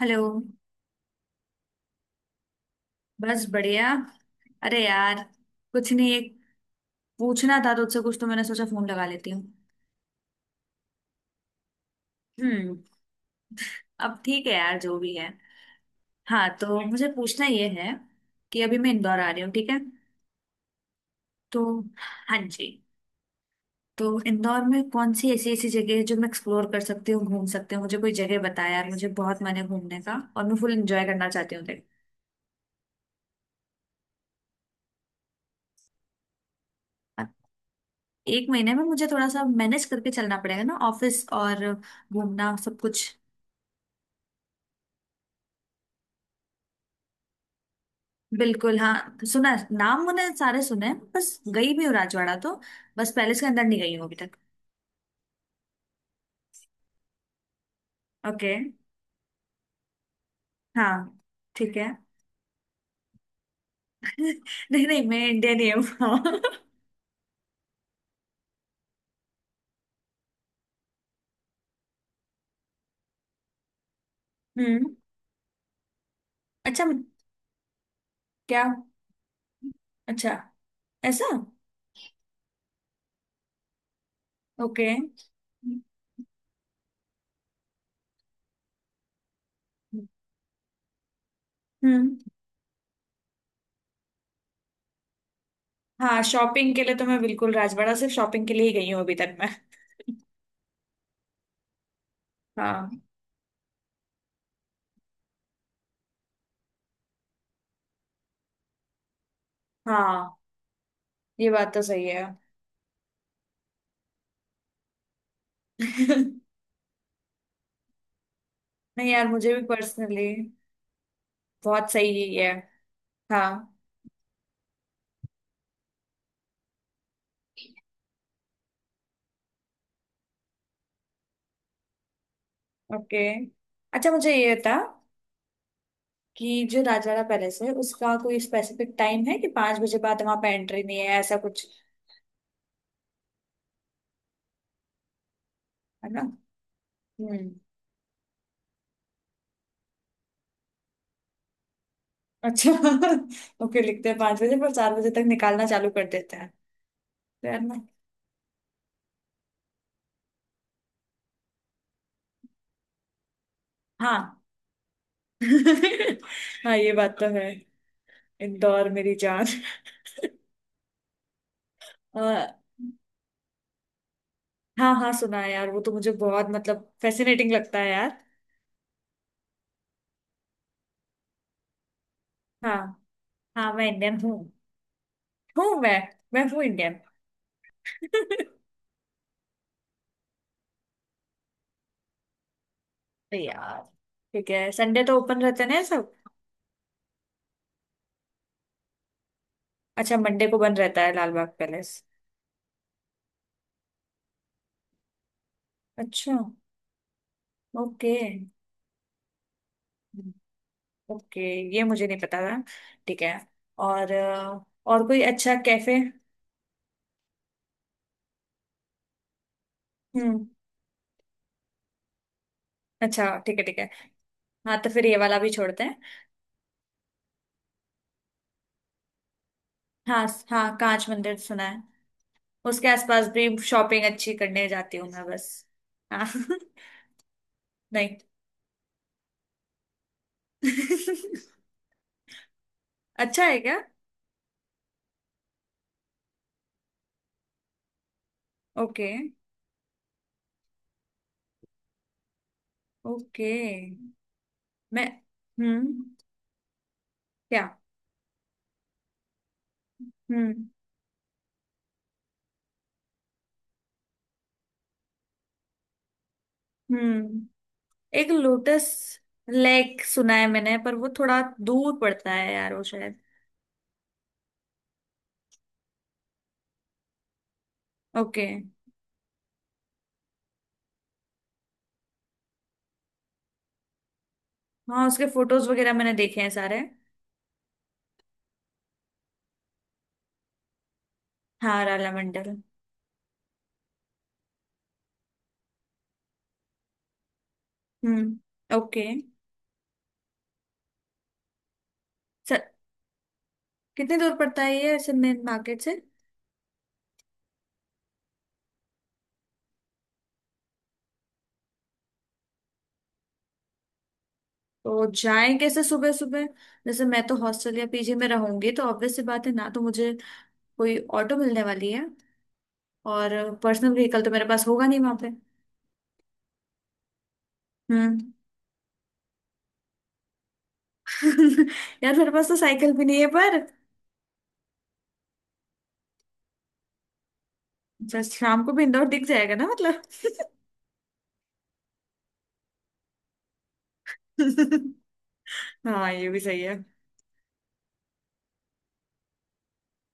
Hello. बस बढ़िया। अरे यार, कुछ नहीं, एक पूछना था तुझसे कुछ तो मैंने सोचा फोन लगा लेती हूँ। हम्म। अब ठीक है यार जो भी है। हाँ, तो मुझे पूछना ये है कि अभी मैं इंदौर आ रही हूँ, ठीक है? तो हाँ जी। तो इंदौर में कौन सी ऐसी ऐसी जगह है जो मैं एक्सप्लोर कर सकती हूँ, घूम सकती हूँ? मुझे कोई जगह बता यार, मुझे बहुत मन है घूमने का और मैं फुल एंजॉय करना चाहती हूँ, देख। अब एक महीने में मुझे थोड़ा सा मैनेज करके चलना पड़ेगा ना, ऑफिस और घूमना सब कुछ। बिल्कुल, हाँ सुना है। नाम मैंने सारे सुने हैं, बस गई भी हूँ राजवाड़ा तो। बस पैलेस के अंदर नहीं गई हूँ अभी तक। ओके। हाँ, ठीक है। नहीं नहीं, मैं इंडियन ही हूँ। हाँ। हम्म। अच्छा। क्या? अच्छा। ऐसा। ओके। हम्म। हाँ, शॉपिंग के लिए तो मैं बिल्कुल राजवाड़ा सिर्फ शॉपिंग के लिए ही गई हूँ अभी तक मैं। हाँ हाँ, ये बात तो सही है। नहीं यार, मुझे भी पर्सनली बहुत सही है। हाँ। ओके। अच्छा, मुझे ये था कि जो राजवाड़ा पैलेस है उसका कोई स्पेसिफिक टाइम है कि 5 बजे बाद वहां पे एंट्री नहीं है, ऐसा कुछ? है ना? हम्म। अच्छा ओके, लिखते हैं 5 बजे पर 4 बजे तक निकालना चालू कर देते हैं। तो यार मैं, हाँ हाँ ये बात तो है। इंदौर मेरी जान अ, हाँ हाँ सुना है यार, वो तो मुझे बहुत मतलब फैसिनेटिंग लगता है यार। हाँ हाँ मैं इंडियन हूँ। हूँ मैं। मैं हूँ इंडियन। तो यार ठीक है, संडे तो ओपन रहते हैं ना ये सब? अच्छा, मंडे को बंद रहता है लाल बाग पैलेस? अच्छा। ओके। ओके, ये मुझे नहीं पता था। ठीक है। और कोई अच्छा कैफे? हम्म। अच्छा ठीक है, ठीक है। हाँ, तो फिर ये वाला भी छोड़ते हैं। हाँ हाँ, कांच मंदिर सुना है। उसके आसपास भी शॉपिंग अच्छी करने जाती हूँ मैं बस। हाँ नहीं। अच्छा है क्या? ओके। ओके। मैं, हम्म, क्या? हम्म। हम्म, एक लोटस लेक सुना है मैंने पर वो थोड़ा दूर पड़ता है यार वो शायद। ओके। हाँ, उसके फोटोज वगैरह मैंने देखे हैं सारे। हाँ, राला मंडल। ओके। सर, कितनी दूर पड़ता है ये ऐसे मेन मार्केट से? तो जाएं कैसे सुबह सुबह? जैसे मैं तो हॉस्टल या पीजी में रहूंगी तो ऑब्वियस सी बात है ना, तो मुझे कोई ऑटो मिलने वाली है? और पर्सनल व्हीकल तो मेरे पास होगा नहीं वहां पे। हम्म। यार मेरे पास तो साइकिल भी नहीं है पर। जस्ट शाम को भी इंदौर दिख जाएगा ना, मतलब? हाँ, ये भी सही है।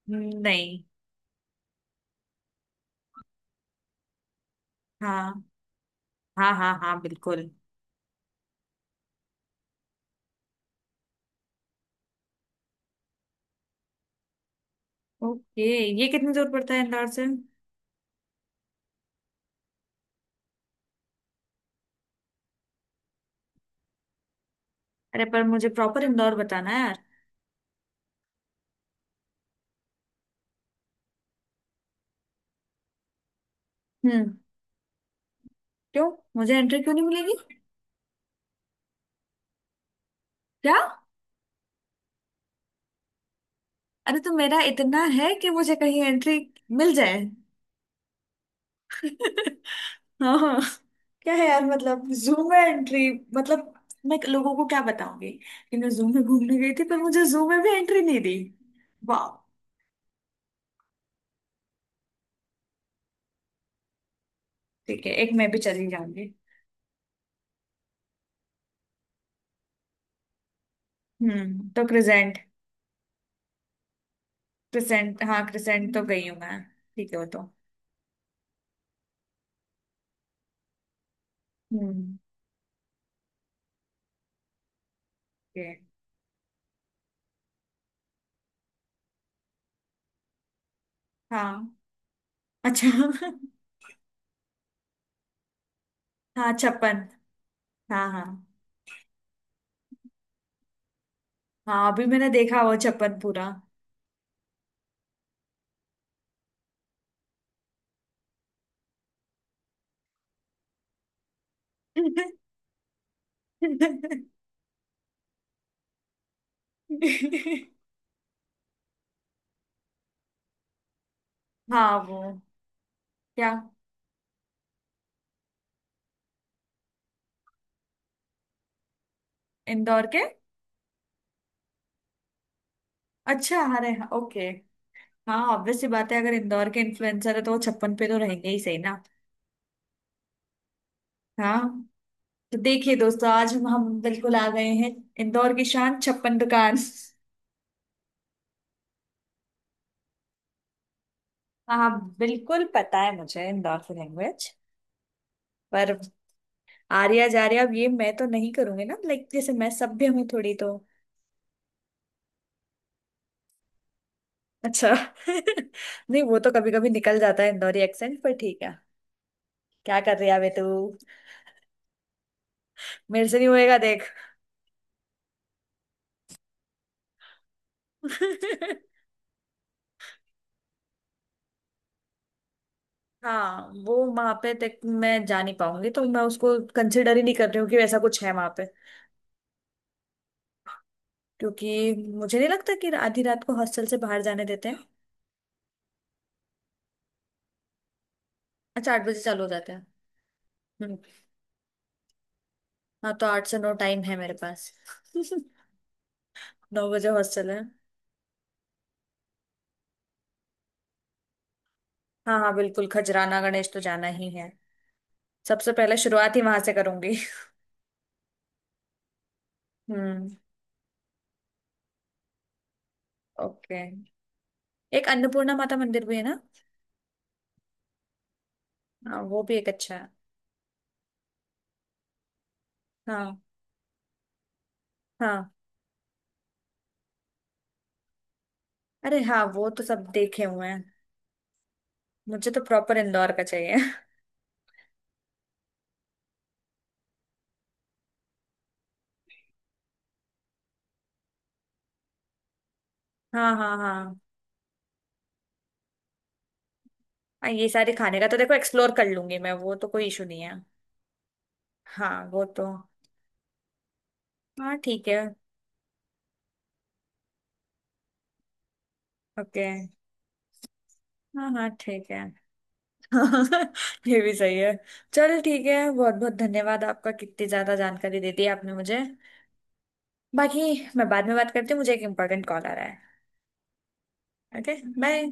नहीं। हाँ हाँ हाँ, हाँ बिल्कुल। ओके। ये कितनी दूर पड़ता है इंदौर से? अरे पर मुझे प्रॉपर इंदौर बताना है यार। हम्म। क्यों? मुझे एंट्री क्यों नहीं मिलेगी? क्या? अरे, तो मेरा इतना है कि मुझे कहीं एंट्री मिल जाए। हाँ हाँ। क्या है यार, मतलब जू में एंट्री मतलब मैं लोगों को क्या बताऊंगी कि मैं जू में घूमने गई थी पर मुझे जू में भी एंट्री नहीं दी? वाह। ठीक है, एक मैं भी चली जाऊंगी। हम्म, तो क्रिसेंट। क्रिसेंट, हाँ क्रिसेंट तो गई हूँ मैं। ठीक है वो तो। हम्म। ये, हाँ अच्छा। हाँ छप्पन। हाँ हाँ हाँ, अभी मैंने देखा वो छप्पन पूरा। हाँ वो, क्या? इंदौर के? अच्छा, अरे हाँ ओके। हाँ, ऑब्वियस सी बात है अगर इंदौर के इन्फ्लुएंसर है तो वो छप्पन पे तो रहेंगे ही, सही ना? हाँ, तो देखिए दोस्तों, आज हम बिल्कुल आ गए हैं इंदौर की शान छप्पन दुकान। हाँ, बिल्कुल पता है मुझे इंदौर की लैंग्वेज। पर आर्या जार्या अब ये मैं तो नहीं करूंगी ना, लाइक जैसे मैं सभ्य हूँ थोड़ी तो। अच्छा नहीं, वो तो कभी कभी निकल जाता है इंदौरी एक्सेंट पर ठीक है। क्या कर रही है बे तू? मेरे से नहीं होएगा देख। हाँ वो वहां पे तक मैं जा नहीं पाऊंगी तो मैं उसको कंसिडर ही नहीं कर रही हूँ कि ऐसा कुछ है वहां पे। क्योंकि मुझे नहीं लगता कि आधी रात को हॉस्टल से बाहर जाने देते हैं। अच्छा, 8 बजे चालू हो जाते हैं? हम्म, हाँ तो 8 से 9 टाइम है मेरे पास। 9 बजे हॉस्टल है। हाँ हाँ बिल्कुल, खजराना गणेश तो जाना ही है। सबसे पहले शुरुआत ही वहां से करूंगी। हम्म ओके, एक अन्नपूर्णा माता मंदिर भी है ना? हाँ वो भी एक अच्छा है। हाँ हाँ। अरे हाँ वो तो सब देखे हुए हैं। मुझे तो प्रॉपर इंदौर का चाहिए। हाँ हाँ हाँ, हाँ ये सारे खाने का तो देखो एक्सप्लोर कर लूंगी मैं, वो तो कोई इशू नहीं है। हाँ वो तो। हाँ ठीक है। ओके। हाँ हाँ ठीक है। ये भी सही है। चलो ठीक है, बहुत बहुत धन्यवाद आपका, कितनी ज्यादा जानकारी दे दी आपने मुझे। बाकी मैं बाद में बात करती हूँ, मुझे एक इम्पोर्टेंट कॉल आ रहा है। ओके। बाय।